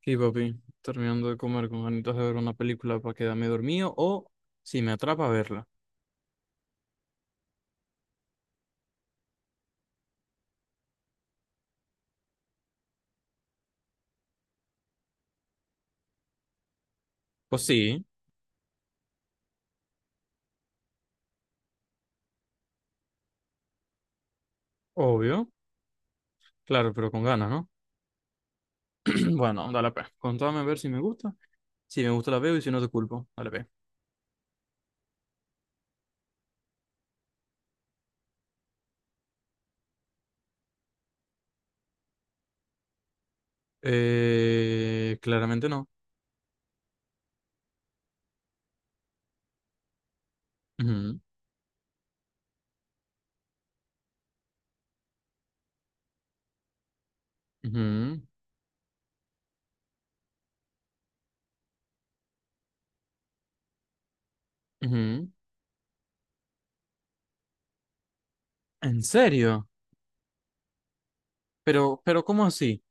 Sí, papi, terminando de comer con ganitas de ver una película para quedarme dormido o si me atrapa verla. Pues sí, obvio, claro, pero con ganas, ¿no? Bueno, dale pe. Contame a ver si me gusta. Si me gusta la veo y si no te culpo, dale pe. Claramente no. Ujú, ujú, ujú. ¿En serio? Pero ¿cómo así?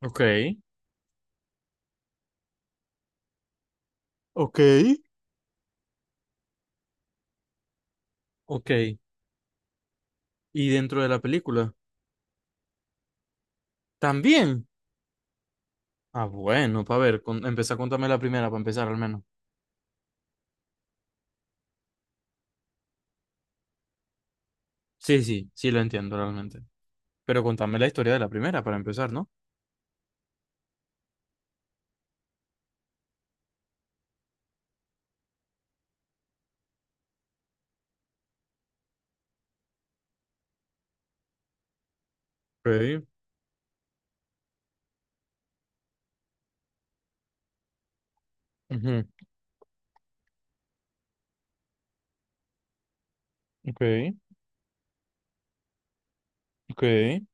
Ok, ok, ok. ¿Y dentro de la película? También. Ah, bueno, para ver, empezá a contarme la primera para empezar al menos. Sí, sí, sí lo entiendo realmente. Pero contame la historia de la primera para empezar, ¿no? Okay. Ujú. Okay. Okay.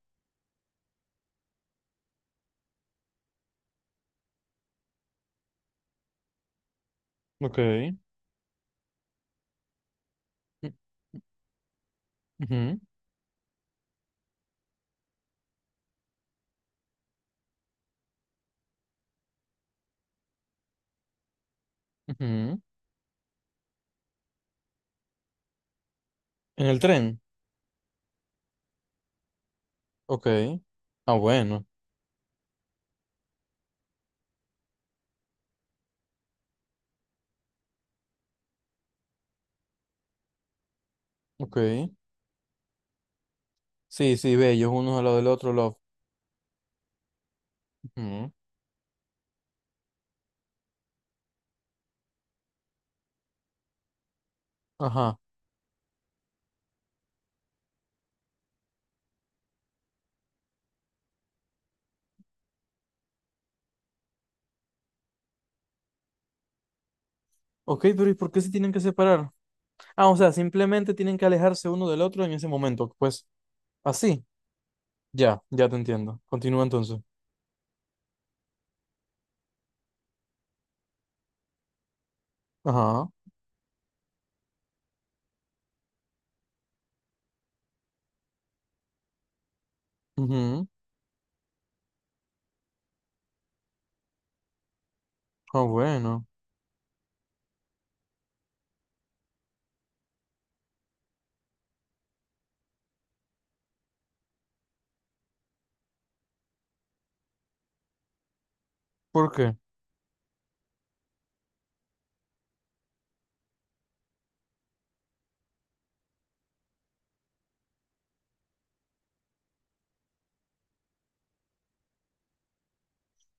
Okay. u- Ujú, ujú. En el tren. Okay. Ah, bueno. Okay. Sí, sí, ve, ellos unos al lado del otro, love. Ujú. Ajá. Okay, pero ¿y por qué se tienen que separar? Ah, o sea, simplemente tienen que alejarse uno del otro en ese momento. Pues así. Ya, ya te entiendo. Continúa entonces. Ajá. Ujú. Ah, bueno. ¿Por qué?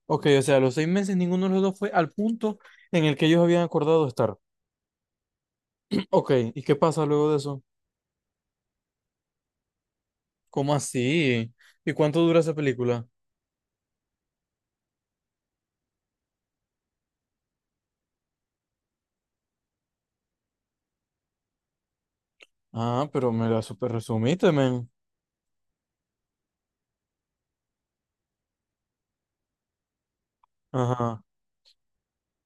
Ok, o sea, los 6 meses ninguno de los dos fue al punto en el que ellos habían acordado estar. Ok, ¿y qué pasa luego de eso? ¿Cómo así? ¿Y cuánto dura esa película? Ah, pero me la super resumiste, men. Ajá.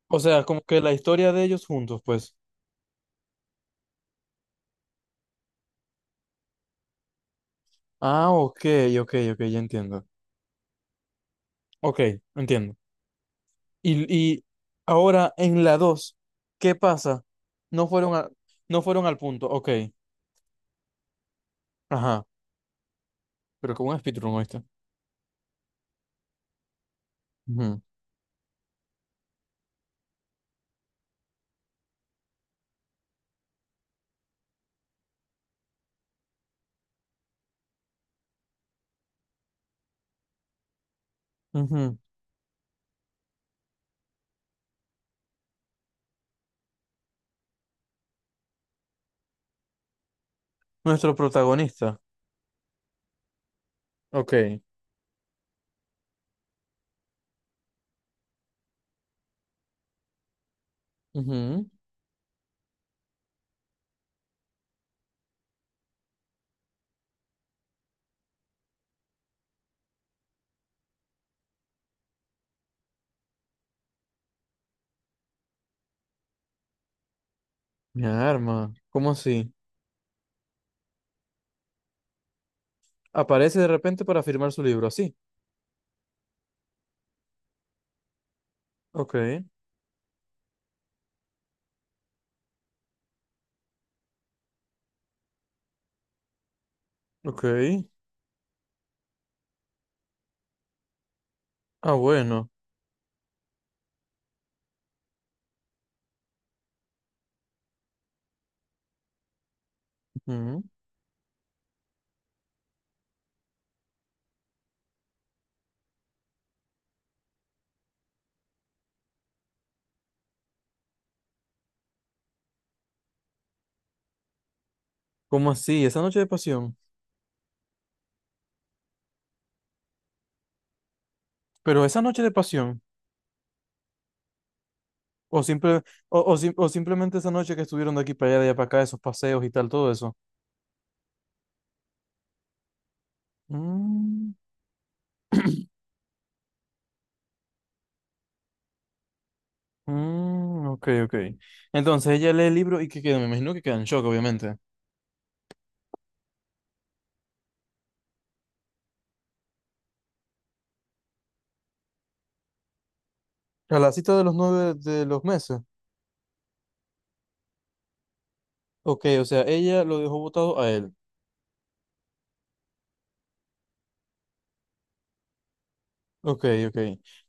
O sea, como que la historia de ellos juntos, pues. Ah, ok, ok, ok, ya entiendo. Ok, entiendo. Y ahora en la dos, ¿qué pasa? No fueron a- no fueron al punto, ok. Ajá, pero como un speedrun, ¿oíste? Ujú, ujú. Nuestro protagonista. Ok. Ujú. Mi arma. ¿Cómo así? Aparece de repente para firmar su libro, así. Ok, ok. Ah, bueno. Ujú. ¿Cómo así? Esa noche de pasión. Pero esa noche de pasión. O, simple, o sim- o simplemente esa noche que estuvieron de aquí para allá, de allá para acá, esos paseos y tal, todo eso. Mm, mm, ok, ok. Entonces ella lee el libro y qué queda, me imagino que queda en shock, obviamente. A la cita de los 9 de los meses. Ok, o sea, ella lo dejó votado a él. Ok, ok.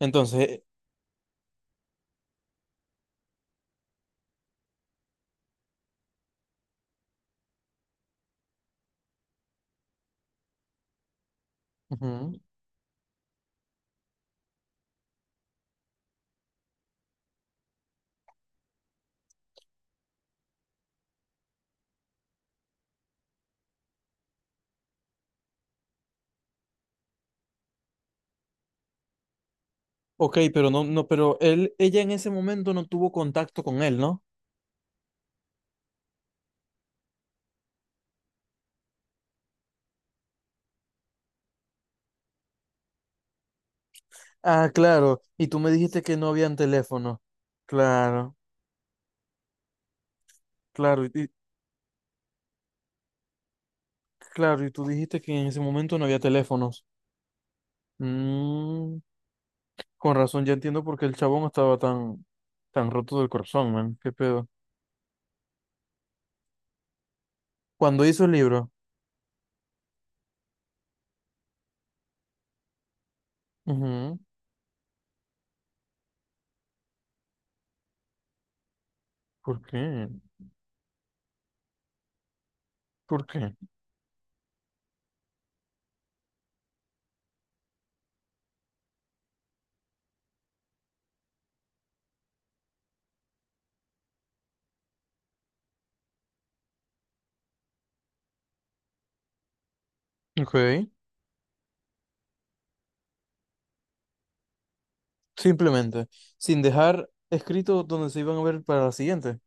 Entonces, ujú. Ok, pero no, no, pero él, ella en ese momento no tuvo contacto con él, ¿no? Ah, claro. Y tú me dijiste que no habían teléfono. Claro, claro, claro, y tú dijiste que en ese momento no había teléfonos. Mm, con razón, ya entiendo por qué el chabón estaba tan, tan roto del corazón, man. ¿Qué pedo? Cuando hizo el libro. Ujú. ¿Por qué? ¿Por qué? Ok. Simplemente, sin dejar escrito donde se iban a ver para la siguiente.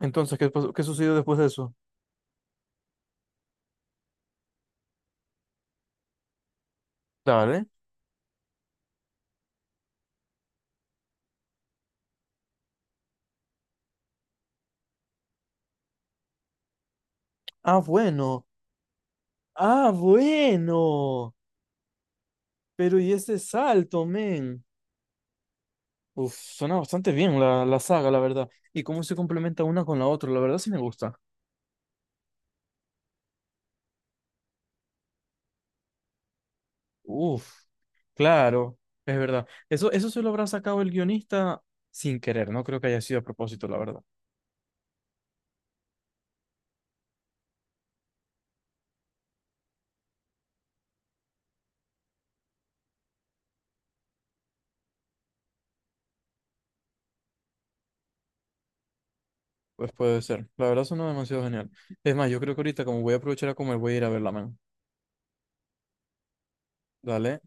Entonces, ¿qué pasó? ¿Qué sucedió después de eso? Dale. Ah, bueno. Ah, bueno. Pero y ese salto, men. Uf, suena bastante bien la saga, la verdad. Y cómo se complementa una con la otra, la verdad sí me gusta. Uf, claro, es verdad. Eso se lo habrá sacado el guionista sin querer, no creo que haya sido a propósito, la verdad. Pues puede ser. La verdad suena demasiado genial. Es más, yo creo que ahorita, como voy a aprovechar a comer, voy a ir a verla, man. Dale.